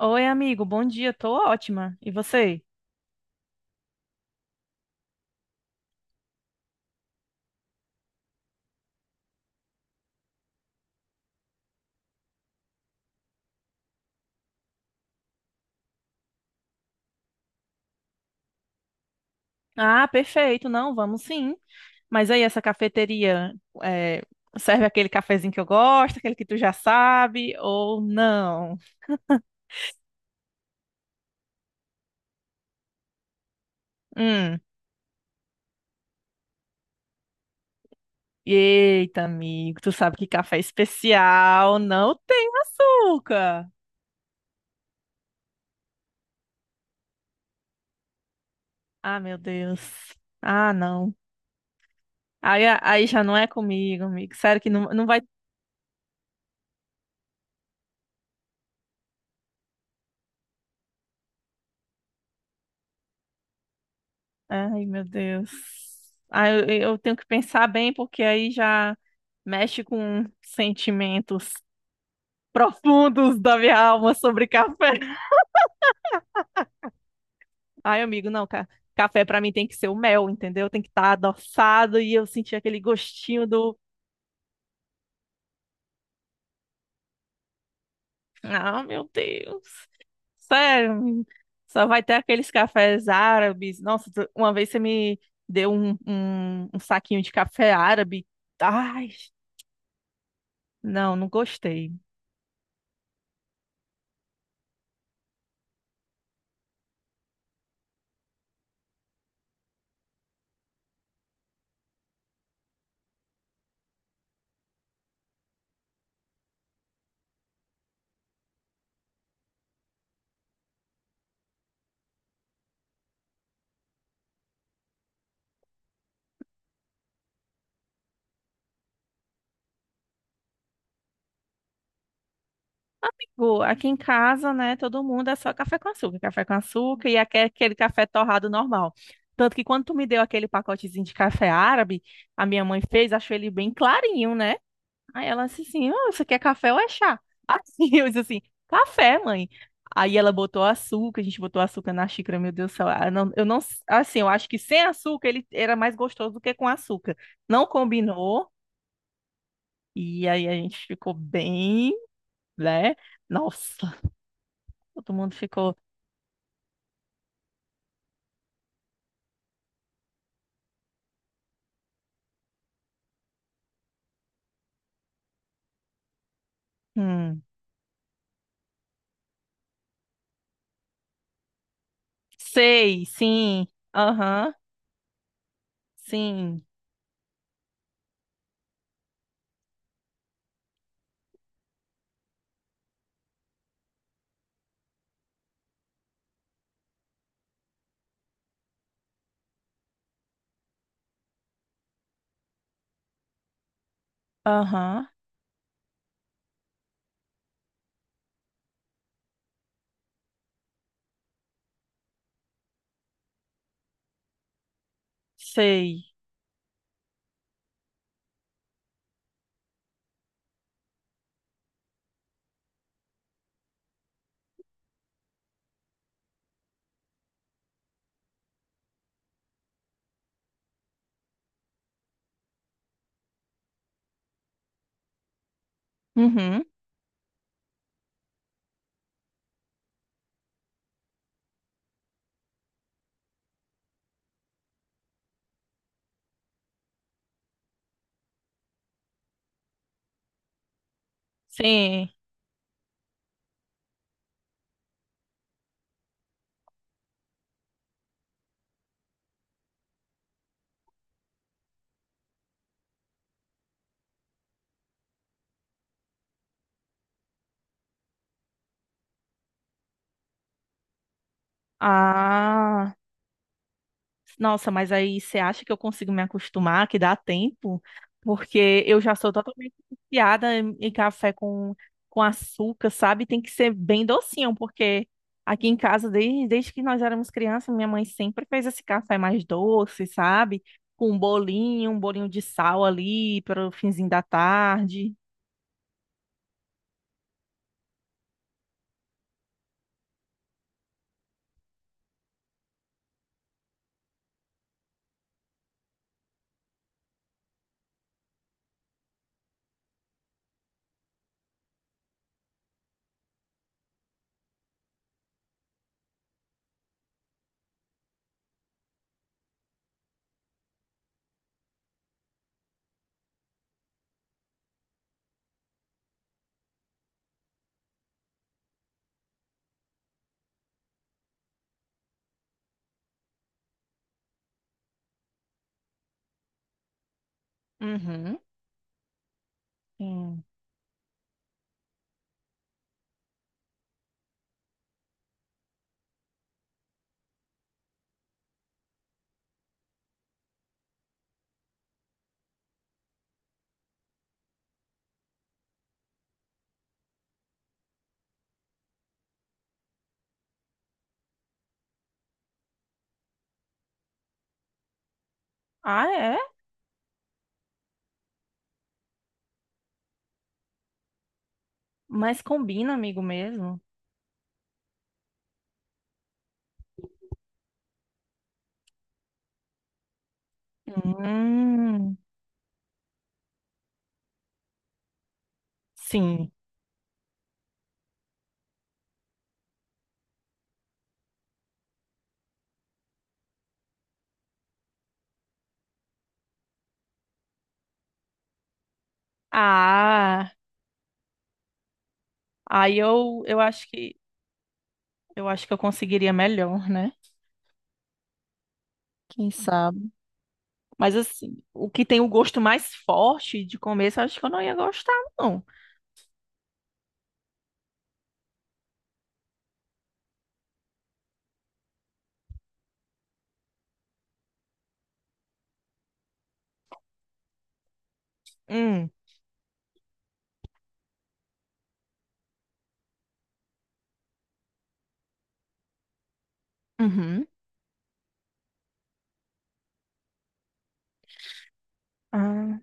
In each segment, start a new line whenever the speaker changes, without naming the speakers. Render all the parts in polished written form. Oi, amigo, bom dia, tô ótima. E você? Ah, perfeito, não, vamos sim. Mas aí, essa cafeteria é, serve aquele cafezinho que eu gosto, aquele que tu já sabe, ou não? Hum, eita, amigo, tu sabe que café especial não tem açúcar. Ah, meu Deus. Ah, não. Aí já não é comigo, amigo. Sério que não, não vai. Ai, meu Deus. Ah, eu tenho que pensar bem, porque aí já mexe com sentimentos profundos da minha alma sobre café. Ai, amigo, não, café pra mim tem que ser o mel, entendeu? Tem que estar adoçado e eu sentir aquele gostinho do. Ah, meu Deus. Sério, menino. Só vai ter aqueles cafés árabes. Nossa, uma vez você me deu um saquinho de café árabe. Ai, não, não gostei. Aqui em casa, né, todo mundo é só café com açúcar e aquele café torrado normal. Tanto que quando tu me deu aquele pacotezinho de café árabe, a minha mãe fez, achou ele bem clarinho, né? Aí ela disse assim, oh, isso aqui é café ou é chá? Assim, eu disse assim, café, mãe. Aí ela botou açúcar, a gente botou açúcar na xícara, meu Deus do céu. Eu não, assim, eu acho que sem açúcar ele era mais gostoso do que com açúcar. Não combinou, e aí a gente ficou bem, né? Nossa, todo mundo ficou. Hum. Sei, sim. Aham. Sim. Aham. Sei. Uhum. Sim. Ah. Nossa, mas aí você acha que eu consigo me acostumar, que dá tempo? Porque eu já sou totalmente viciada em café com açúcar, sabe? Tem que ser bem docinho, porque aqui em casa, desde que nós éramos crianças, minha mãe sempre fez esse café mais doce, sabe? Com um bolinho de sal ali para o finzinho da tarde. Uhum. Sim. Ah, é? Mas combina, amigo mesmo. Hum, sim. Ah, aí eu acho que eu conseguiria melhor, né? Quem sabe? Mas assim, o que tem o gosto mais forte de começo, eu acho que eu não ia gostar, não. Hum, uhum. Ah,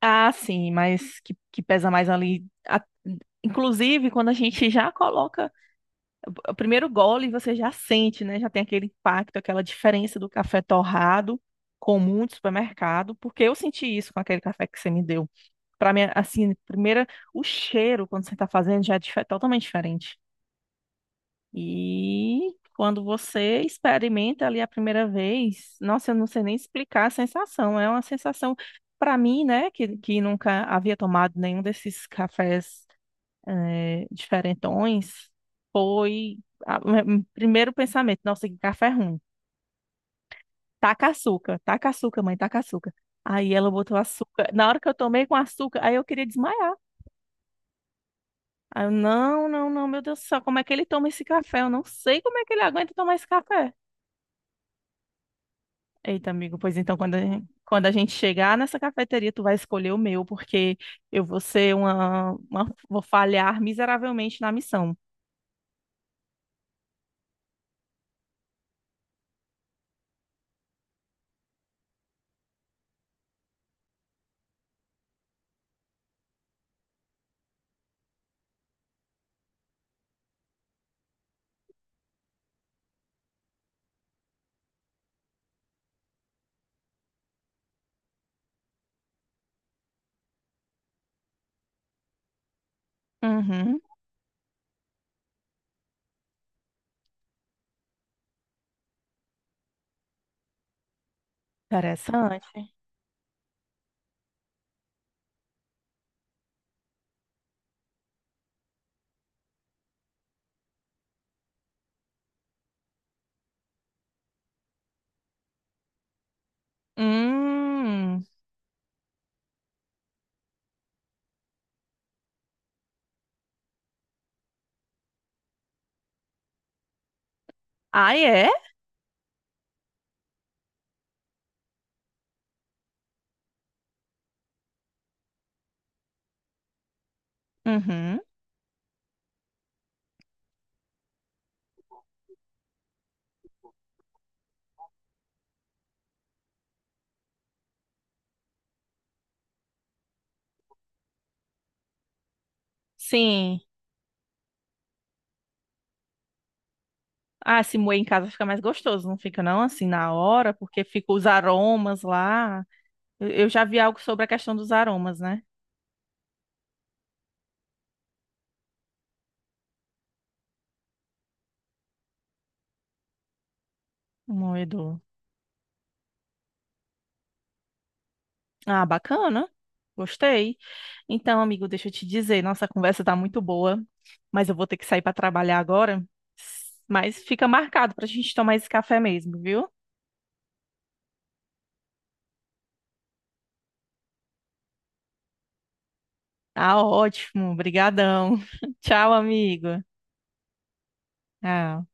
ah, sim, mas que pesa mais ali. Inclusive, quando a gente já coloca o primeiro gole você já sente, né? Já tem aquele impacto, aquela diferença do café torrado comum de supermercado, porque eu senti isso com aquele café que você me deu. Para mim, assim, primeira, o cheiro quando você está fazendo já é totalmente diferente. E quando você experimenta ali a primeira vez, nossa, eu não sei nem explicar a sensação. É uma sensação para mim, né, que nunca havia tomado nenhum desses cafés diferentões, foi o primeiro pensamento, nossa, que café ruim. Taca açúcar, mãe, taca açúcar. Aí ela botou açúcar. Na hora que eu tomei com açúcar, aí eu queria desmaiar. Aí eu, não, não, não, meu Deus do céu, como é que ele toma esse café? Eu não sei como é que ele aguenta tomar esse café. Eita, amigo, pois então, quando a gente chegar nessa cafeteria, tu vai escolher o meu, porque eu vou ser uma, vou falhar miseravelmente na missão. Uhum, interessante. Hum, Ah, é? Uhum. Sim. Ah, se moer em casa fica mais gostoso, não fica não assim na hora, porque fica os aromas lá. Eu já vi algo sobre a questão dos aromas, né? O moedor. Ah, bacana. Gostei. Então, amigo, deixa eu te dizer, nossa conversa tá muito boa, mas eu vou ter que sair para trabalhar agora. Mas fica marcado pra gente tomar esse café mesmo, viu? Tá ótimo. Obrigadão. Tchau, amigo. Tchau.